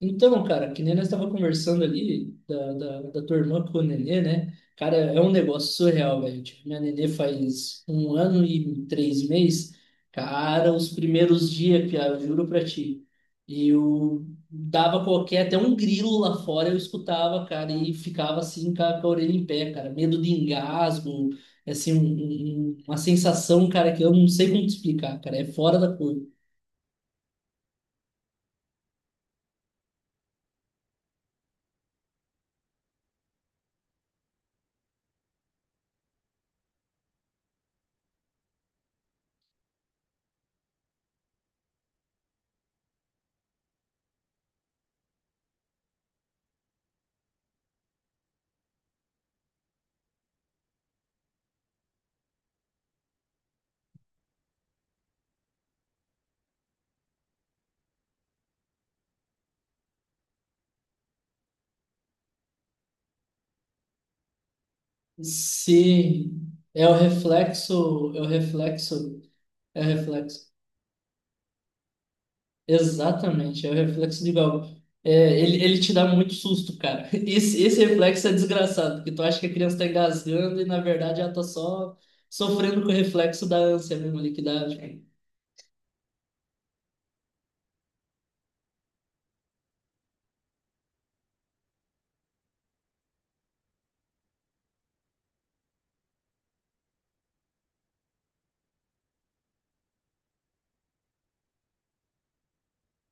Então, cara, que nem nós estava conversando ali da tua irmã com o Nenê, né? Cara, é um negócio surreal, velho. Tipo, minha Nenê faz um ano e 3 meses. Cara, os primeiros dias, Pia, eu juro pra ti. Eu dava qualquer, até um grilo lá fora eu escutava, cara, e ficava assim com a orelha em pé, cara. Medo de engasgo, assim, uma sensação, cara, que eu não sei como te explicar, cara. É fora da cor. Sim, é o reflexo, é o reflexo, é o reflexo. Exatamente, é o reflexo de Galgo. É, ele te dá muito susto, cara. Esse reflexo é desgraçado, porque tu acha que a criança tá engasgando e na verdade ela tá só sofrendo com o reflexo da ânsia mesmo ali que dá, tipo.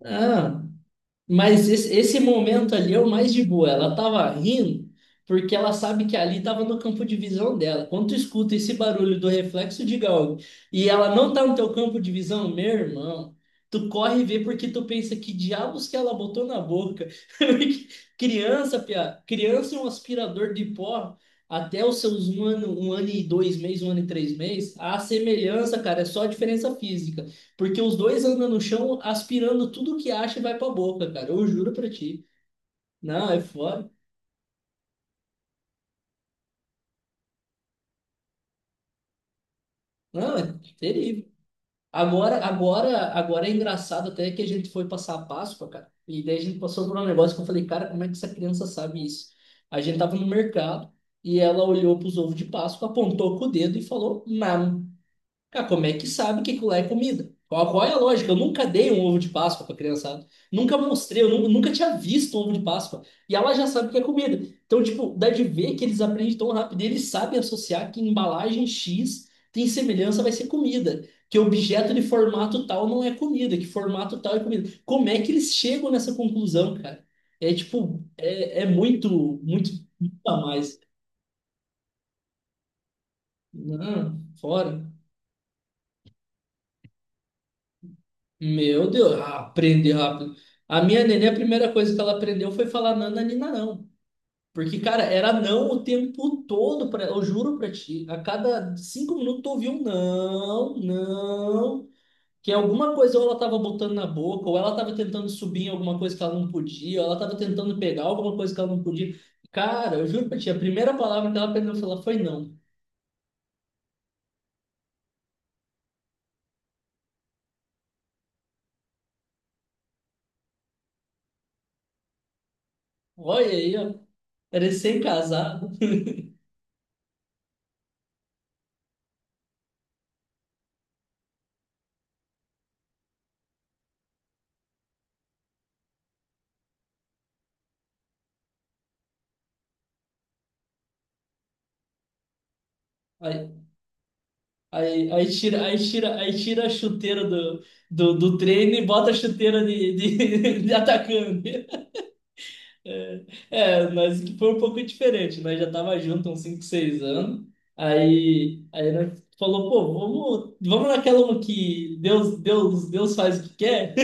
Ah, mas esse momento ali é o mais de boa. Ela tava rindo porque ela sabe que ali tava no campo de visão dela. Quando tu escuta esse barulho do reflexo de galga e ela não tá no teu campo de visão, meu irmão, tu corre e vê porque tu pensa que diabos que ela botou na boca. Porque criança, piá, criança é um aspirador de pó até os seus um ano e 2 meses, um ano e 3 meses. A semelhança, cara, é só a diferença física. Porque os dois andam no chão aspirando tudo que acha e vai pra boca, cara. Eu juro pra ti. Não, é foda. Não, é terrível. Agora é engraçado até que a gente foi passar a Páscoa, cara. E daí a gente passou por um negócio que eu falei, cara, como é que essa criança sabe isso? A gente tava no mercado e ela olhou pros ovos de Páscoa, apontou com o dedo e falou, mam. Cara, como é que sabe que aquilo lá é comida? Qual é a lógica? Eu nunca dei um ovo de Páscoa pra criançada. Nunca mostrei, nunca tinha visto um ovo de Páscoa. E ela já sabe que é comida. Então, tipo, dá de ver que eles aprendem tão rápido. E eles sabem associar que embalagem X tem semelhança, vai ser comida. Que objeto de formato tal não é comida, que formato tal é comida. Como é que eles chegam nessa conclusão, cara? É tipo, é muito, muito, muito a mais. Não, fora. Meu Deus, aprender rápido. A minha neném, a primeira coisa que ela aprendeu foi falar nana, nina, não. Porque, cara, era não o tempo todo, pra, ela, eu juro pra ti. A cada 5 minutos tu ouvia um não, não. Que alguma coisa ou ela tava botando na boca, ou ela tava tentando subir em alguma coisa que ela não podia, ou ela tava tentando pegar alguma coisa que ela não podia. Cara, eu juro pra ti, a primeira palavra que ela aprendeu a falar foi não. Olha aí, ó, recém-casado. Aí tira a chuteira do treino e bota a chuteira de atacante. É, é, mas que foi um pouco diferente, nós já tava junto há uns 5 6 anos. Aí nós falou, pô, vamos, vamos naquela que Deus, Deus, Deus faz o que quer.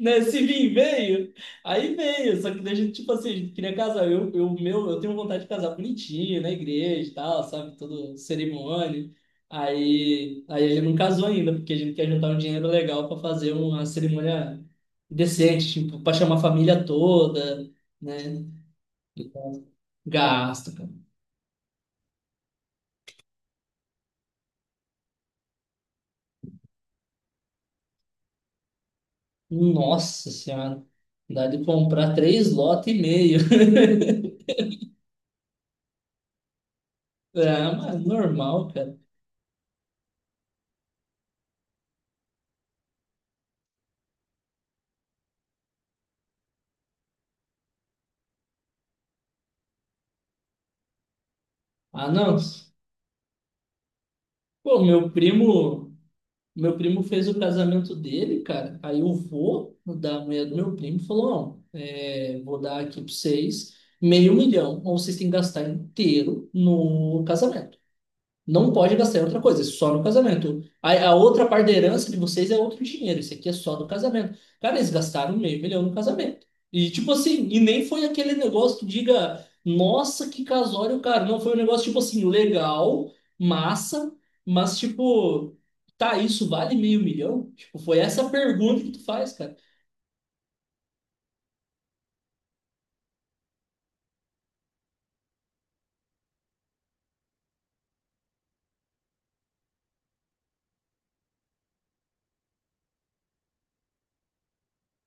Né? Se vir, veio. Aí veio. Só que daí a gente, tipo assim, a gente queria casar. Eu tenho vontade de casar bonitinho, na igreja e tal, sabe? Todo cerimônia. Aí a gente não casou ainda, porque a gente quer juntar um dinheiro legal para fazer uma cerimônia decente, tipo, para chamar a família toda, né? Gasto, cara. Nossa Senhora. Dá de comprar três lotes e meio. Ah, mas normal, cara. Ah, não. Pô, meu primo. Meu primo fez o casamento dele, cara. Aí o vô da mulher do meu primo falou: não, é, vou dar aqui pra vocês meio milhão, ou vocês têm que gastar inteiro no casamento. Não pode gastar em outra coisa, é só no casamento. A outra parte da herança de vocês é outro dinheiro, isso aqui é só do casamento. Cara, eles gastaram meio milhão no casamento. E tipo assim, e nem foi aquele negócio que diga, nossa, que casório, cara. Não, foi um negócio tipo assim, legal, massa, mas tipo, tá, isso vale meio milhão? Tipo, foi essa a pergunta que tu faz, cara.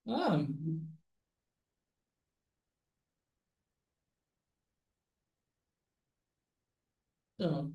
Ah, então.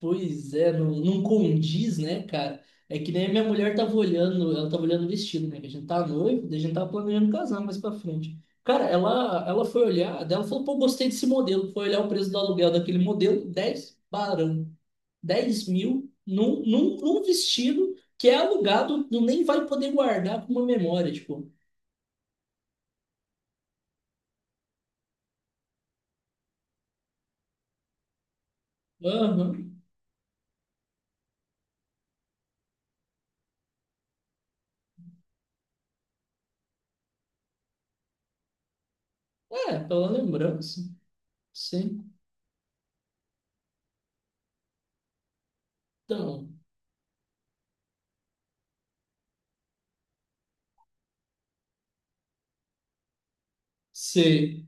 Pois é, não, não condiz, né, cara? É que nem a minha mulher tava olhando, ela tava olhando o vestido, né? Que a gente tá noivo, daí a gente tava planejando casar mais pra frente. Cara, ela foi olhar, daí ela falou, pô, gostei desse modelo. Foi olhar o preço do aluguel daquele modelo, 10 barão, 10 mil num vestido que é alugado, tu nem vai poder guardar com uma memória, tipo. Aham, é, pela lembrança. Sim. Então, sei.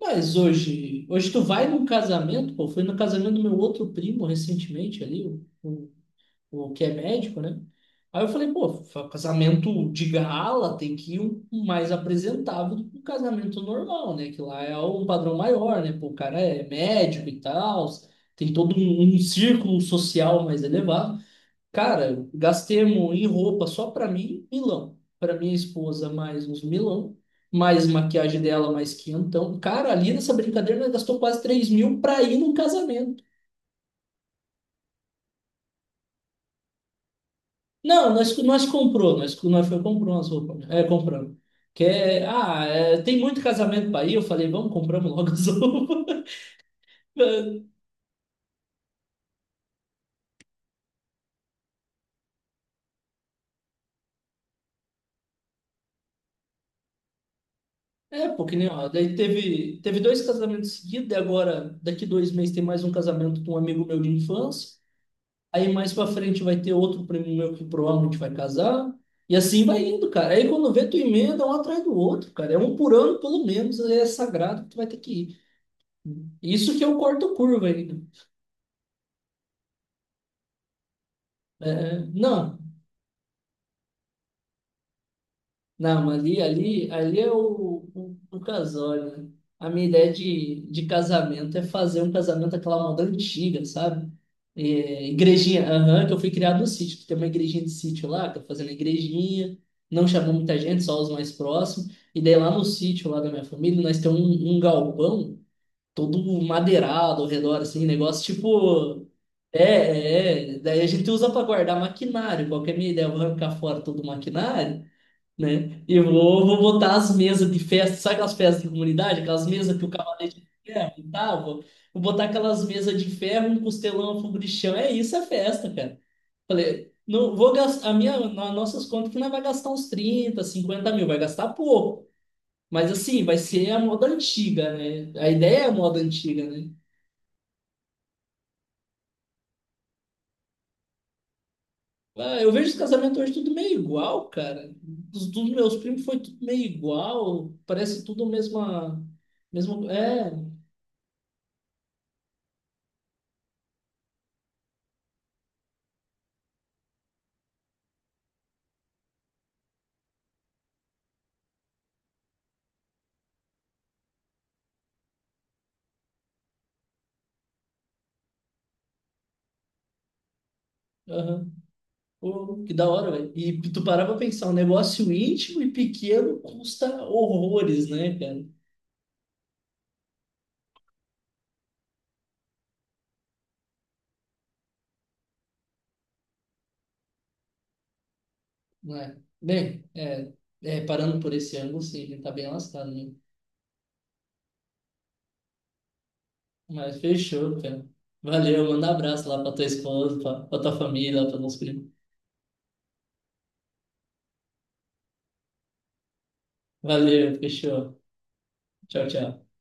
Mas hoje tu vai num casamento, pô, fui no casamento do meu outro primo recentemente ali, o que é médico, né? Aí eu falei, pô, casamento de gala tem que ir um mais apresentável do que um casamento normal, né? Que lá é um padrão maior, né? Pô, o cara é médico e tal, tem todo um círculo social mais elevado. Cara, gastemos em roupa só pra mim, milão. Pra minha esposa, mais uns milão. Mais maquiagem dela, mais quinhentão. Cara, ali nessa brincadeira, nós gastou quase 3 mil pra ir no casamento. Não, nós comprou. Nós foi comprou umas roupas, né? É, compramos. Que é, ah, é, tem muito casamento pra ir. Eu falei, vamos, compramos logo as roupas. É, porque nem, ó, daí teve dois casamentos seguidos. E agora, daqui 2 meses, tem mais um casamento com um amigo meu de infância. Aí mais pra frente vai ter outro primo meu que provavelmente vai casar. E assim vai indo, cara. Aí quando vê, tu emenda um atrás do outro, cara. É um por ano, pelo menos, é sagrado que tu vai ter que ir. Isso que eu corto curva ainda. É, não. Não, ali é o casório, né? A minha ideia de casamento é fazer um casamento aquela moda antiga, sabe? É, igrejinha, aham, que eu fui criado no sítio, que tem uma igrejinha de sítio lá, tô fazendo a igrejinha, não chamou muita gente, só os mais próximos. E daí lá no sítio, lá da minha família, nós temos um galpão todo madeirado ao redor, assim, negócio tipo. É, é, é. Daí a gente usa para guardar maquinário, qualquer minha ideia, eu vou arrancar fora todo o maquinário, né? E vou botar as mesas de festa, sabe aquelas festas de comunidade? Aquelas mesas que o cavalete de ferro e tal, vou botar aquelas mesas de ferro, um costelão, um fogo de chão. É isso, é festa, cara. Falei, não vou gastar, a minha, nas nossas contas que não é vai gastar uns 30, 50 mil, vai gastar pouco. Mas assim, vai ser a moda antiga, né? A ideia é a moda antiga, né? Ah, eu vejo os casamentos hoje tudo meio igual, cara. Dos meus primos foi tudo meio igual, parece tudo a mesma, mesmo, é, aham. Pô, que da hora, velho. E tu parar pra pensar, um negócio íntimo e pequeno custa horrores, né, cara? Não é? Bem, parando por esse ângulo, sim, a gente tá bem lascado, né? Mas fechou, cara. Valeu, manda um abraço lá pra tua esposa, pra tua família, pra teus primos. Valeu, fechou. Tchau, tchau.